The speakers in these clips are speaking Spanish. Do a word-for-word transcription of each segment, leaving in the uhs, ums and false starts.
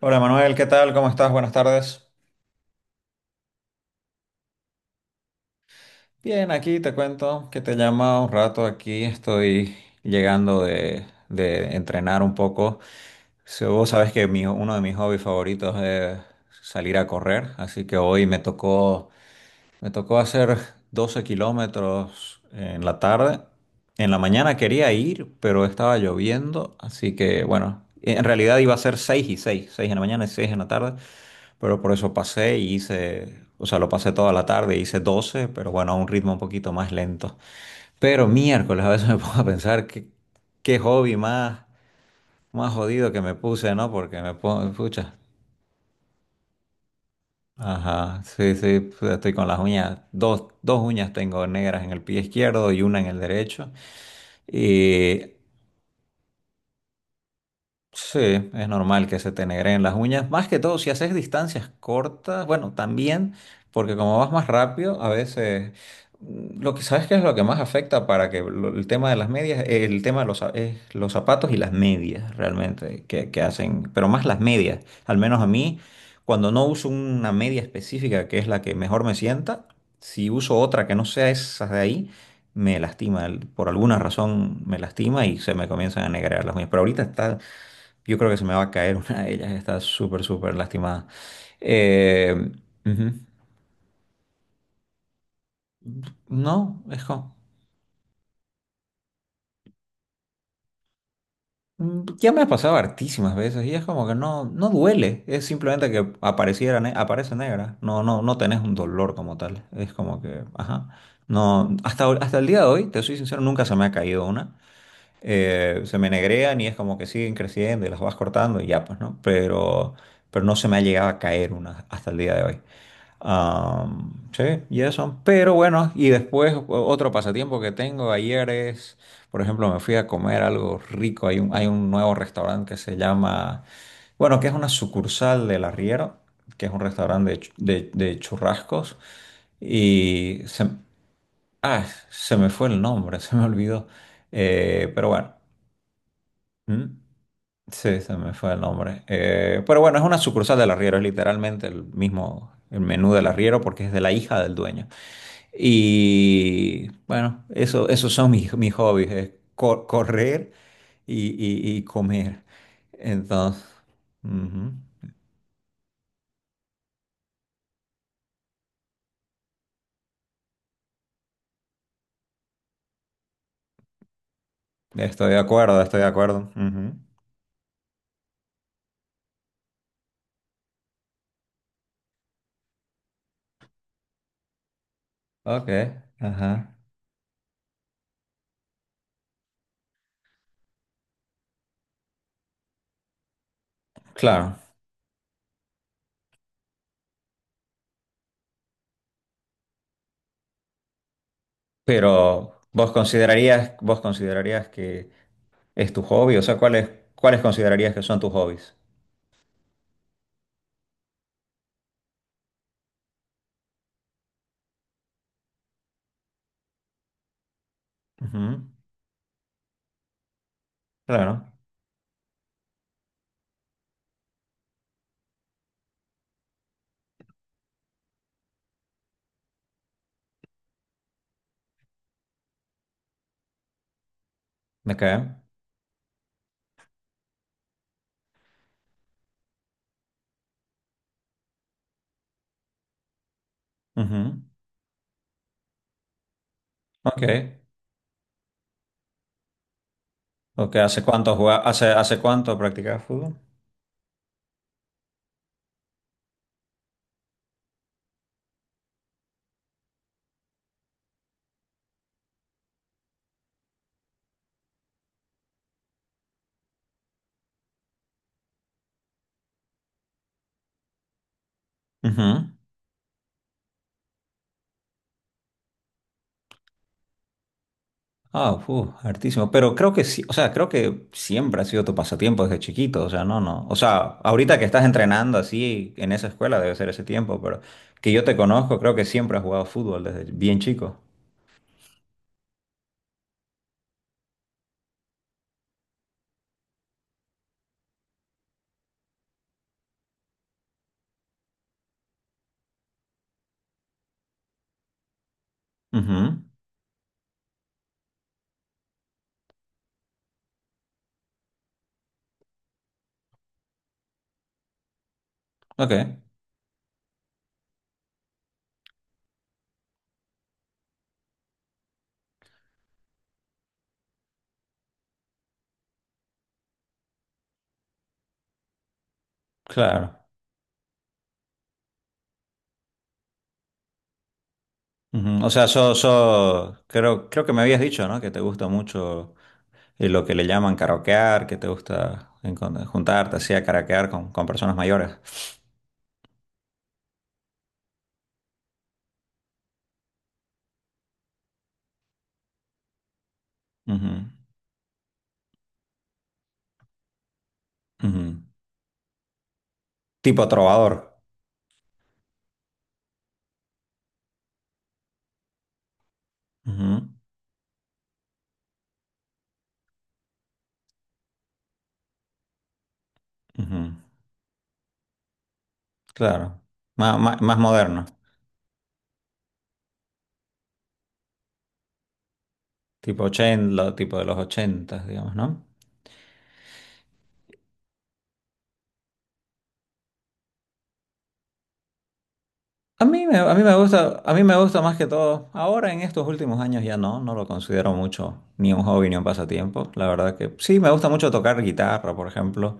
Hola Manuel, ¿qué tal? ¿Cómo estás? Buenas tardes. Bien, aquí te cuento que te llama un rato aquí. Estoy llegando de, de entrenar un poco. Si vos sabes que mi- uno de mis hobbies favoritos es salir a correr, así que hoy me tocó, me tocó hacer doce kilómetros en la tarde. En la mañana quería ir, pero estaba lloviendo, así que bueno, en realidad iba a ser seis y seis, seis en la mañana y seis en la tarde. Pero por eso pasé y hice, o sea, lo pasé toda la tarde, hice doce, pero bueno, a un ritmo un poquito más lento. Pero miércoles a veces me pongo a pensar qué, qué hobby más, más jodido que me puse, ¿no? Porque me pongo, pucha, ajá, sí, sí, pues, estoy con las uñas, dos, dos uñas tengo negras en el pie izquierdo y una en el derecho. Y Sí, es normal que se te negreen las uñas. Más que todo, si haces distancias cortas, bueno, también, porque como vas más rápido, a veces mm, lo que sabes que es lo que más afecta para que lo- el tema de las medias, eh, el tema de los, za- es los zapatos y las medias realmente que, que hacen, pero más las medias, al menos a mí, cuando no uso una media específica que es la que mejor me sienta, si uso otra que no sea esas de ahí, me lastima, el- por alguna razón me lastima y se me comienzan a negrear las uñas. Pero ahorita está, yo creo que se me va a caer una de ellas, está súper, súper lastimada. Eh, ujú. No, es como... mm, ya me ha pasado hartísimas veces y es como que no, no duele, es simplemente que apareciera, ne- aparece negra, no, no, no tenés un dolor como tal, es como que, ajá, no, hasta, hasta el día de hoy, te soy sincero, nunca se me ha caído una. eh, se me negrean y es como que siguen creciendo y las vas cortando y ya, pues, ¿no? Pero, pero no se me ha llegado a caer una hasta el día de hoy. Am, sí, y eso. Pero bueno, y después o- otro pasatiempo que tengo ayer es, por ejemplo, me fui a comer algo rico. Hay un, hay un nuevo restaurante que se llama, bueno, que es una sucursal del Arriero, que es un restaurante de, chu- de- de churrascos. Y se, ah, se me fue el nombre, se me olvidó. Eh, pero bueno. Mm, sí, se me fue el nombre. Eh, pero bueno, es una sucursal del Arriero, es literalmente el mismo el menú del Arriero porque es de la hija del dueño. Y bueno, eso, esos son mis, mis hobbies, es cor- correr y, y- y comer. Entonces, ujú, estoy de acuerdo, estoy de acuerdo. Ujú. Ok, ajá. Claro, pero vos considerarías, vos considerarías que es tu hobby, o sea, ¿cuáles, cuáles considerarías que son tus hobbies? Ujú. Claro, me cae. Ujú. Ok, ok. ¿Hace cuánto jugá- hace, hace cuánto practicabas fútbol? Ujú. Ah, fu, hartísimo. Pero creo que sí, o sea, creo que siempre ha sido tu pasatiempo desde chiquito, o sea, no, no. O sea, ahorita que estás entrenando así en esa escuela debe ser ese tiempo, pero que yo te conozco, creo que siempre has jugado fútbol desde bien chico. Ujú. Ok, claro. Ujú. O sea, so, so- creo, creo que me habías dicho, ¿no? Que te gusta mucho. Y lo que le llaman karaokear, que te gusta encon- juntarte así a karaokear con, con personas mayores. Ujú, ujú. Tipo trovador. Ujú, ujú. Claro. Má- má- más moderno. Tipo ochenta, tipo de los ochentas, digamos, ¿no? A mí me, a mí me gusta, a mí me gusta más que todo. Ahora en estos últimos años ya no, no lo considero mucho ni un hobby ni un pasatiempo. La verdad que sí, me gusta mucho tocar guitarra, por ejemplo.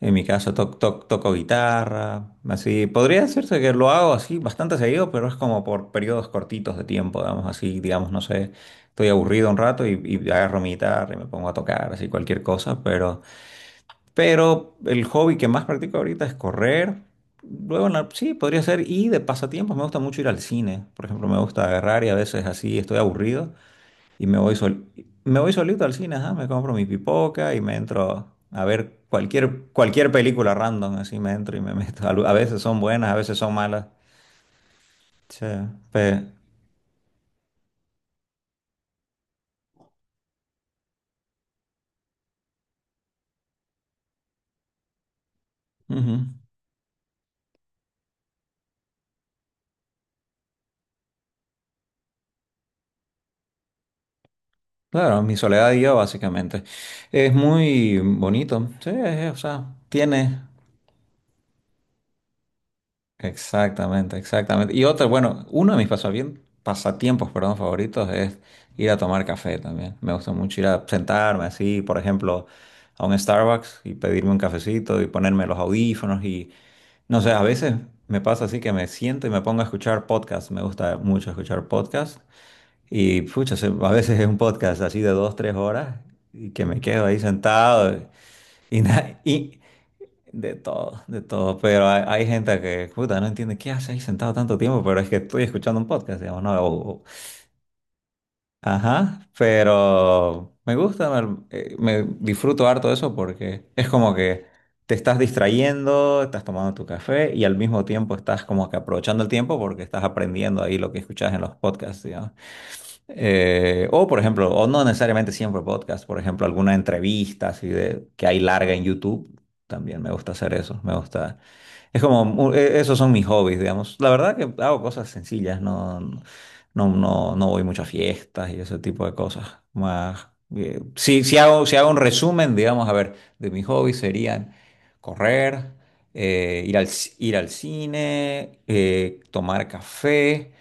En mi caso toc, toc, toco guitarra, así. Podría decirse que lo hago así bastante seguido, pero es como por periodos cortitos de tiempo, digamos así, digamos, no sé, estoy aburrido un rato y, y agarro mi guitarra y me pongo a tocar, así cualquier cosa, pero, pero el hobby que más practico ahorita es correr. Luego, en la- sí, podría ser, y de pasatiempos me gusta mucho ir al cine, por ejemplo, me gusta agarrar y a veces así estoy aburrido. Y me voy sol- me voy solito al cine, ajá, me compro mi pipoca y me entro a ver cualquier, cualquier película random, así me entro y me meto. Al- a veces son buenas, a veces son malas. Sí, pe- ujú. Claro, mi soledad y yo, básicamente. Es muy bonito. Sí, es- es, o sea, tiene. Exactamente, exactamente. Y otro, bueno, uno de mis pasapien- pasatiempos, perdón, favoritos es ir a tomar café también. Me gusta mucho ir a sentarme así, por ejemplo, a un Starbucks y pedirme un cafecito y ponerme los audífonos y no sé, a veces me pasa así que me siento y me pongo a escuchar podcasts. Me gusta mucho escuchar podcasts y pucha, se- a veces es un podcast así de dos, tres horas y que me quedo ahí sentado y, na- y de todo, de todo, pero hay, hay gente que, puta, no entiende qué hace ahí sentado tanto tiempo, pero es que estoy escuchando un podcast, digamos, no, o- o- ajá, pero me gusta, me, eh, me disfruto harto de eso porque es como que te estás distrayendo, estás tomando tu café y al mismo tiempo estás como que aprovechando el tiempo porque estás aprendiendo ahí lo que escuchas en los podcasts, eh, o, por ejemplo, o no necesariamente siempre podcast, por ejemplo, alguna entrevista así de, que hay larga en YouTube. También me gusta hacer eso. Me gusta. Es como, mu- e- esos son mis hobbies, digamos. La verdad que hago cosas sencillas, no, no, no, no voy mucho a fiestas y ese tipo de cosas. Más, eh, si, si hago, si hago un resumen, digamos, a ver, de mis hobbies serían correr, eh, ir al, ci- ir al cine, eh, tomar café.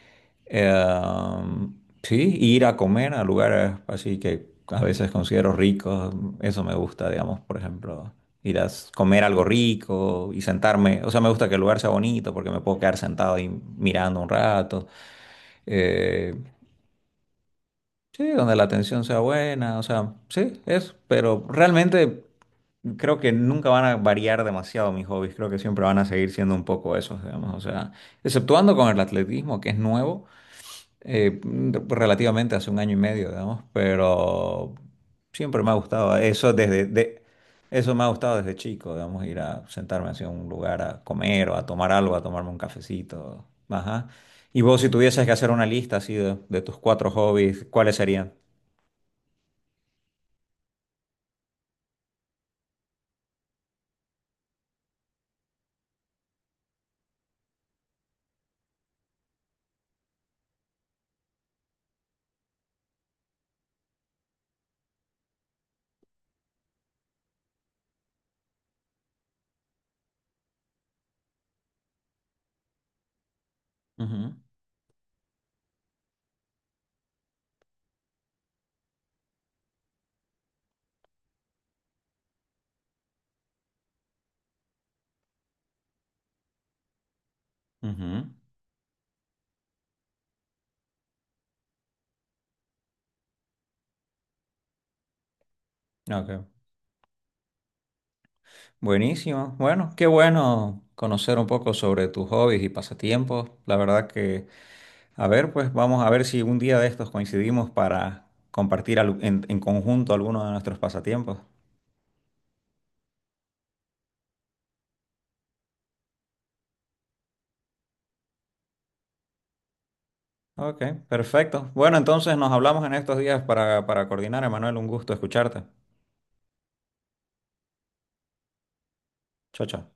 Em, sí, ir a comer a lugares así que a veces considero ricos, eso me gusta, digamos, por ejemplo, ir a s- comer algo rico y sentarme, o sea, me gusta que el lugar sea bonito porque me puedo quedar sentado ahí mirando un rato, eh, sí, donde la atención sea buena, o sea, sí, es, pero realmente creo que nunca van a variar demasiado mis hobbies, creo que siempre van a seguir siendo un poco esos, digamos, o sea, exceptuando con el atletismo, que es nuevo, eh, relativamente hace un año y medio, digamos, pero siempre me ha gustado eso desde de, eso me ha gustado desde chico, digamos, ir a sentarme hacia un lugar a comer o a tomar algo, a tomarme un cafecito, ajá. Y vos, si tuvieses que hacer una lista así de, de tus cuatro hobbies, ¿cuáles serían? Ujú, ujú. Ok. Buenísimo. Bueno, qué bueno conocer un poco sobre tus hobbies y pasatiempos. La verdad que, a ver, pues vamos a ver si un día de estos coincidimos para compartir al- en, en conjunto alguno de nuestros pasatiempos. Ok, perfecto. Bueno, entonces nos hablamos en estos días para, para coordinar, Emanuel. Un gusto escucharte. Chao, chao.